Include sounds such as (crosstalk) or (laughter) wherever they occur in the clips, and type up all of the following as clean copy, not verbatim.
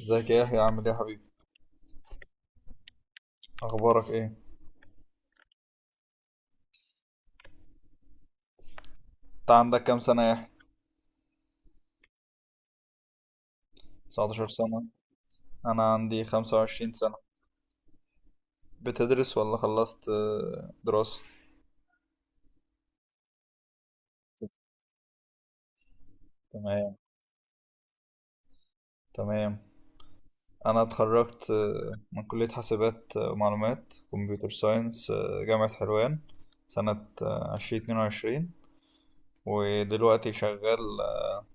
ازيك يا يحيى، عامل ايه يا حبيبي؟ اخبارك ايه؟ انت عندك كام سنة يا يحيى؟ 19 سنة. انا عندي 25 سنة. بتدرس ولا خلصت دراسة؟ تمام. تمام. انا اتخرجت من كلية حاسبات ومعلومات كمبيوتر ساينس، جامعة حلوان سنة 2022. ودلوقتي شغال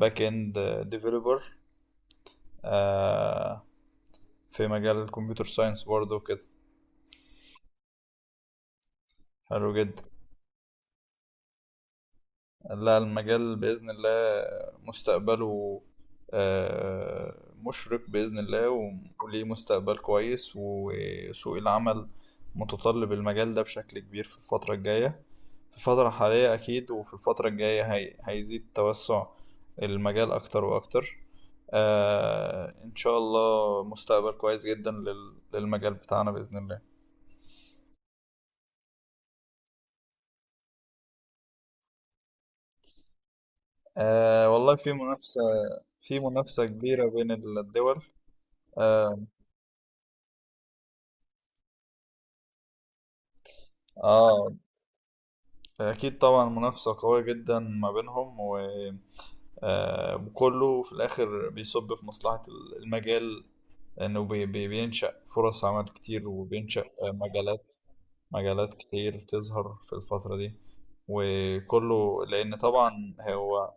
باك اند ديفيلوبر، آه، في مجال الكمبيوتر ساينس برضه كده. حلو جدا. لا، المجال بإذن الله مستقبله مشرق بإذن الله، وليه مستقبل كويس، وسوق العمل متطلب المجال ده بشكل كبير في الفترة الجاية. في الفترة الحالية أكيد، وفي الفترة الجاية هي هيزيد توسع المجال أكتر وأكتر. آه، إن شاء الله مستقبل كويس جدا للمجال بتاعنا بإذن الله. آه والله، في منافسة. في منافسة كبيرة بين الدول. آه, آه أكيد طبعا منافسة قوية جدا ما بينهم، وكله في الآخر بيصب في مصلحة المجال. إنه بينشأ فرص عمل كتير، وبينشأ مجالات. مجالات كتير تظهر في الفترة دي. وكله لأن طبعا هو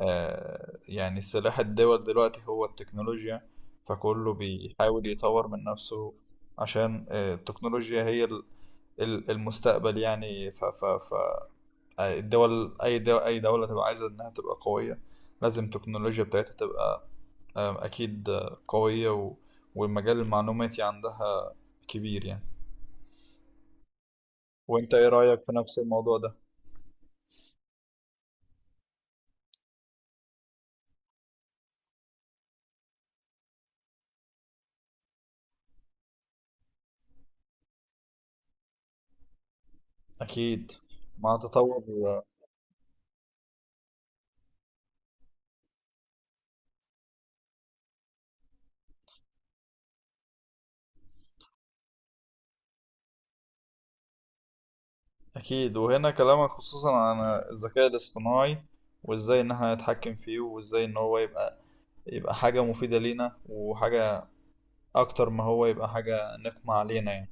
يعني سلاح الدول دلوقتي هو التكنولوجيا، فكله بيحاول يطور من نفسه. عشان التكنولوجيا هي المستقبل يعني. الدول، اي دوله تبقى عايزه انها تبقى قويه، لازم التكنولوجيا بتاعتها تبقى اكيد قويه، والمجال المعلوماتي عندها كبير يعني. وانت ايه رايك في نفس الموضوع ده؟ اكيد. مع تطور. اكيد. وهنا كلامك خصوصا عن الذكاء الاصطناعي، وازاي ان احنا نتحكم فيه، وازاي ان هو يبقى حاجه مفيده لينا، وحاجه اكتر ما هو يبقى حاجه نقمه علينا يعني.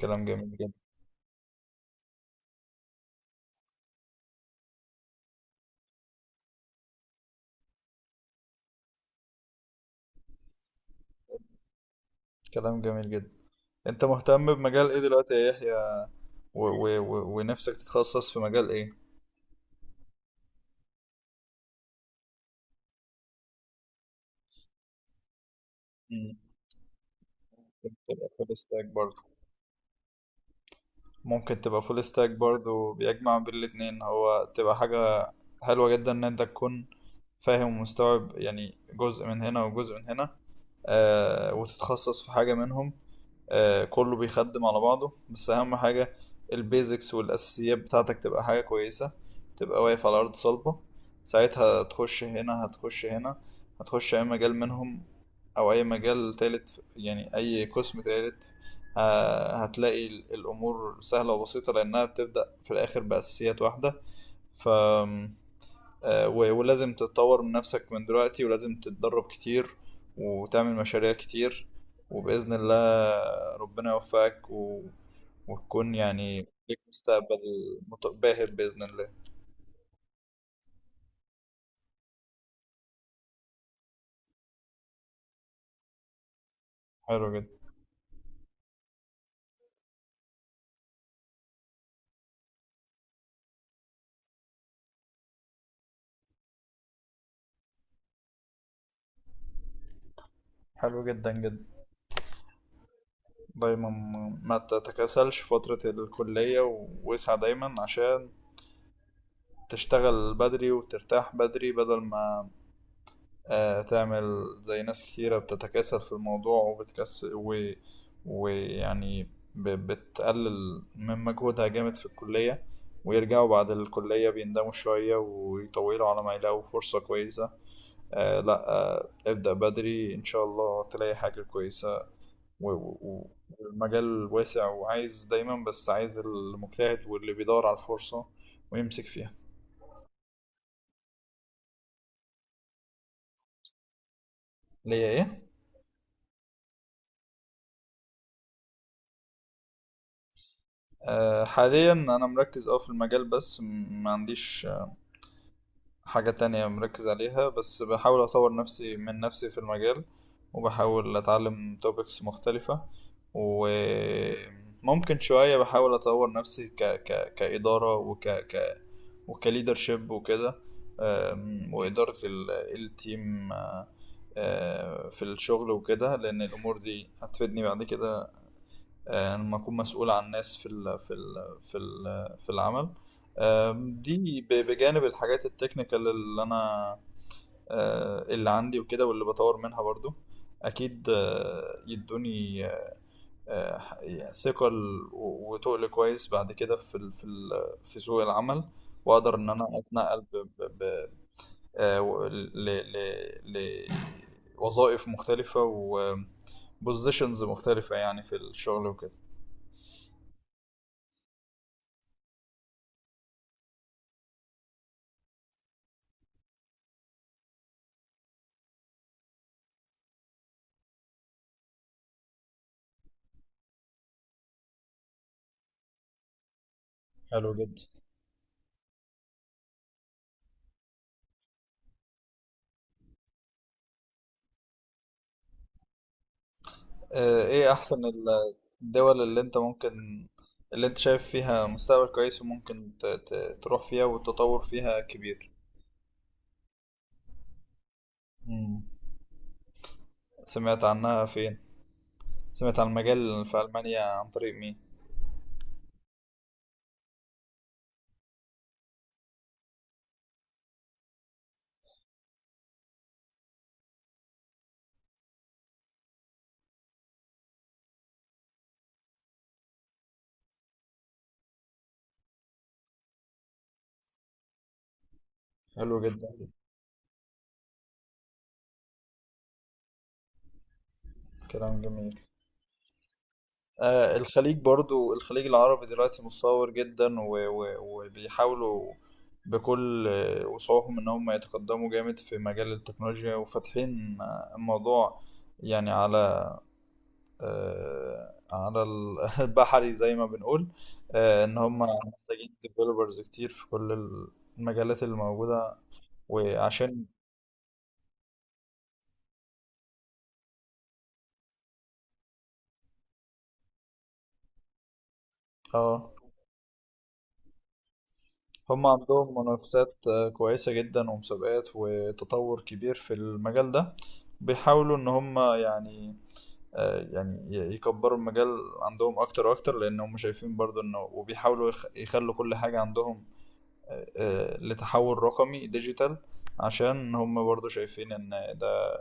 كلام جميل جدا. كلام جميل جدا. انت مهتم بمجال ايه دلوقتي يا يحيى، ونفسك تتخصص في مجال ايه؟ مم. ممكن تبقى فول ستاك برضه. بيجمع بين الاتنين، هو تبقى حاجة حلوة جدا ان انت تكون فاهم ومستوعب، يعني جزء من هنا وجزء من هنا. آه، وتتخصص في حاجة منهم. كله بيخدم على بعضه، بس اهم حاجة البيزكس والاساسيات بتاعتك تبقى حاجة كويسة، تبقى واقف على ارض صلبة، ساعتها تخش هنا، هتخش هنا، هتخش اي مجال منهم، او اي مجال تالت، يعني اي قسم تالت. هتلاقي الامور سهلة وبسيطة، لانها بتبدأ في الاخر باساسيات واحدة. ف ولازم تتطور من نفسك من دلوقتي، ولازم تتدرب كتير، وتعمل مشاريع كتير، وبإذن الله ربنا يوفقك، وتكون يعني ليك مستقبل باهر بإذن الله. حلو جدا. حلو جدا جدا. دايما ما تتكاسلش في فترة الكلية، واسعى دايما عشان تشتغل بدري وترتاح بدري، بدل ما تعمل زي ناس كتيرة بتتكاسل في الموضوع وبتكسل، ويعني بتقلل من مجهودها جامد في الكلية، ويرجعوا بعد الكلية بيندموا شوية ويطولوا على ما يلاقوا فرصة كويسة. لا، ابدأ بدري إن شاء الله تلاقي حاجة كويسة، و... و... والمجال واسع وعايز دايما، بس عايز المجتهد واللي بيدور على الفرصة ويمسك فيها. ليا ايه؟ حاليا انا مركز في المجال بس، ما عنديش حاجة تانية مركز عليها، بس بحاول أطور نفسي من نفسي في المجال، وبحاول أتعلم topics مختلفة، وممكن شوية بحاول أطور نفسي كإدارة وكليدرشيب وكده. وإدارة التيم. في الشغل وكده، لأن الأمور دي هتفيدني بعد كده. لما أكون مسؤول عن ناس في العمل. دي بجانب الحاجات التكنيكال اللي انا اللي عندي وكده، واللي بطور منها برضو. اكيد يدوني يعني ثقة وتقل كويس بعد كده في سوق العمل، واقدر ان انا اتنقل ب ب ب ل ل لوظائف مختلفة وبوزيشنز مختلفة يعني في الشغل وكده. حلو جدا. ايه احسن الدول اللي انت ممكن، اللي انت شايف فيها مستقبل كويس وممكن تروح فيها، والتطور فيها كبير؟ مم. سمعت عنها فين؟ سمعت عن المجال في ألمانيا عن طريق مين؟ حلو جدا. كلام جميل. آه، الخليج برضو، الخليج العربي دلوقتي متطور جدا، وبيحاولوا بكل وسعهم ان هم يتقدموا جامد في مجال التكنولوجيا، وفاتحين الموضوع يعني على (laughs) البحري زي ما بنقول. آه، ان هم محتاجين ديفلوبرز كتير في كل المجالات اللي موجودة، وعشان اه هم عندهم منافسات كويسة جدا ومسابقات، وتطور كبير في المجال ده. بيحاولوا ان هم يعني يكبروا المجال عندهم اكتر واكتر، لان هم شايفين برضو انه، وبيحاولوا يخلوا كل حاجة عندهم لتحول رقمي ديجيتال، عشان هم برضو شايفين ان ده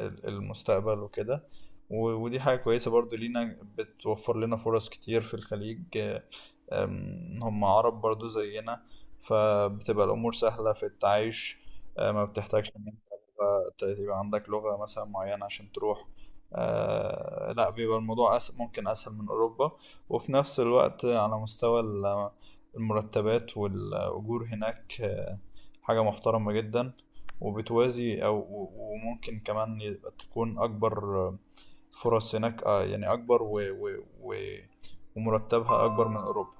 المستقبل وكده. ودي حاجة كويسة برضو لينا، بتوفر لنا فرص كتير في الخليج. هم عرب برضو زينا، فبتبقى الأمور سهلة في التعايش. ما بتحتاجش إن أنت تبقى عندك لغة مثلا معينة عشان تروح. لا، بيبقى الموضوع ممكن أسهل من أوروبا. وفي نفس الوقت على مستوى المرتبات والأجور هناك حاجة محترمة جدا، وبتوازي، أو وممكن كمان يبقى تكون أكبر، فرص هناك يعني أكبر، ومرتبها أكبر من أوروبا.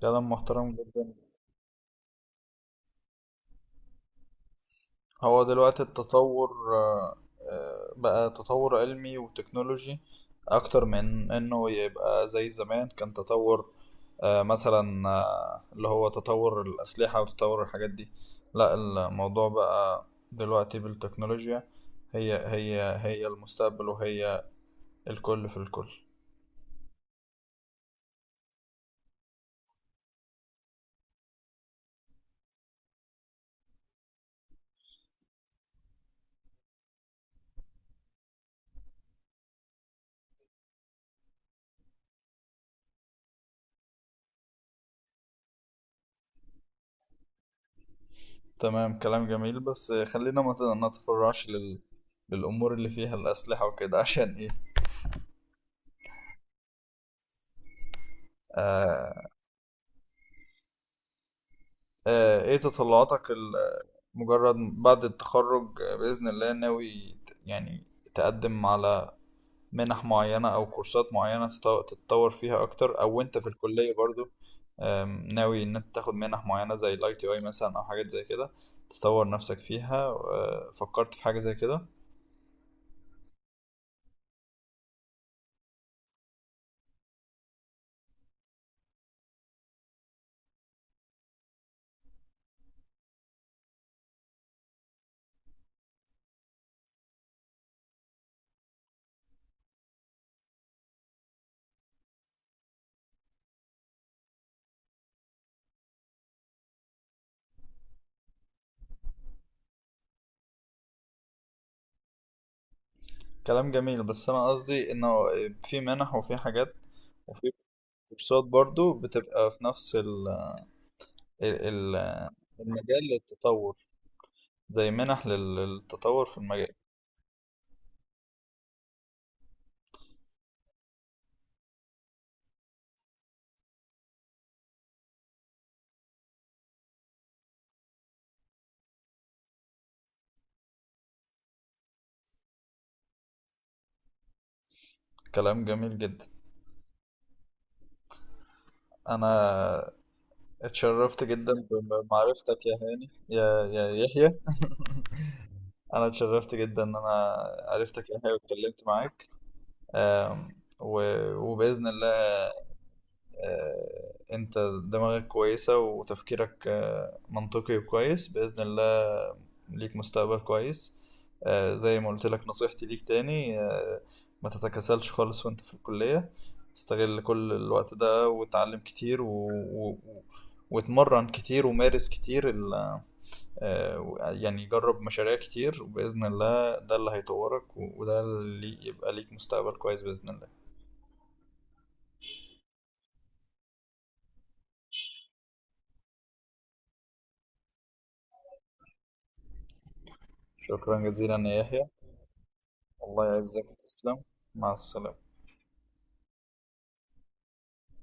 كلام محترم جدا. هو دلوقتي التطور آه، بقى تطور علمي وتكنولوجي، اكتر من انه يبقى زي زمان، كان تطور مثلا اللي هو تطور الاسلحة وتطور الحاجات دي. لا، الموضوع بقى دلوقتي بالتكنولوجيا. هي المستقبل، وهي الكل في الكل. تمام، كلام جميل، بس خلينا ما نتفرعش للأمور اللي فيها الأسلحة وكده (laughs) عشان إيه. آه ايه تطلعاتك مجرد بعد التخرج؟ بإذن الله، ناوي تقدم على منح معينة أو كورسات معينة تتطور فيها أكتر، أو أنت في الكلية برضو؟ آم، ناوي إن أنت تاخد منح معينة زي ال ITI مثلا أو حاجات زي كده، تطور نفسك فيها؟ فكرت في حاجة زي كده؟ كلام جميل، بس أنا قصدي إنه في منح وفي حاجات وفي كورسات برضو، بتبقى في نفس ال- ال- المجال للتطور، زي منح للتطور في المجال. كلام جميل جدا. انا اتشرفت جدا بمعرفتك يا هاني، يا يحيى. انا اتشرفت جدا ان انا عرفتك يا هاني، واتكلمت معاك. آم، و- وباذن الله انت دماغك كويسة، وتفكيرك منطقي وكويس بإذن الله، ليك مستقبل كويس. زي ما قلت لك نصيحتي ليك تاني، ما تتكاسلش خالص وانت في الكلية، استغل كل الوقت ده وتعلم كتير، واتمرن كتير، ومارس كتير يعني جرب مشاريع كتير وبإذن الله ده اللي هيطورك، وده اللي يبقى ليك مستقبل كويس بإذن الله. شكرا جزيلا يا يحيى. الله يعزك، تسلم. مع السلامة.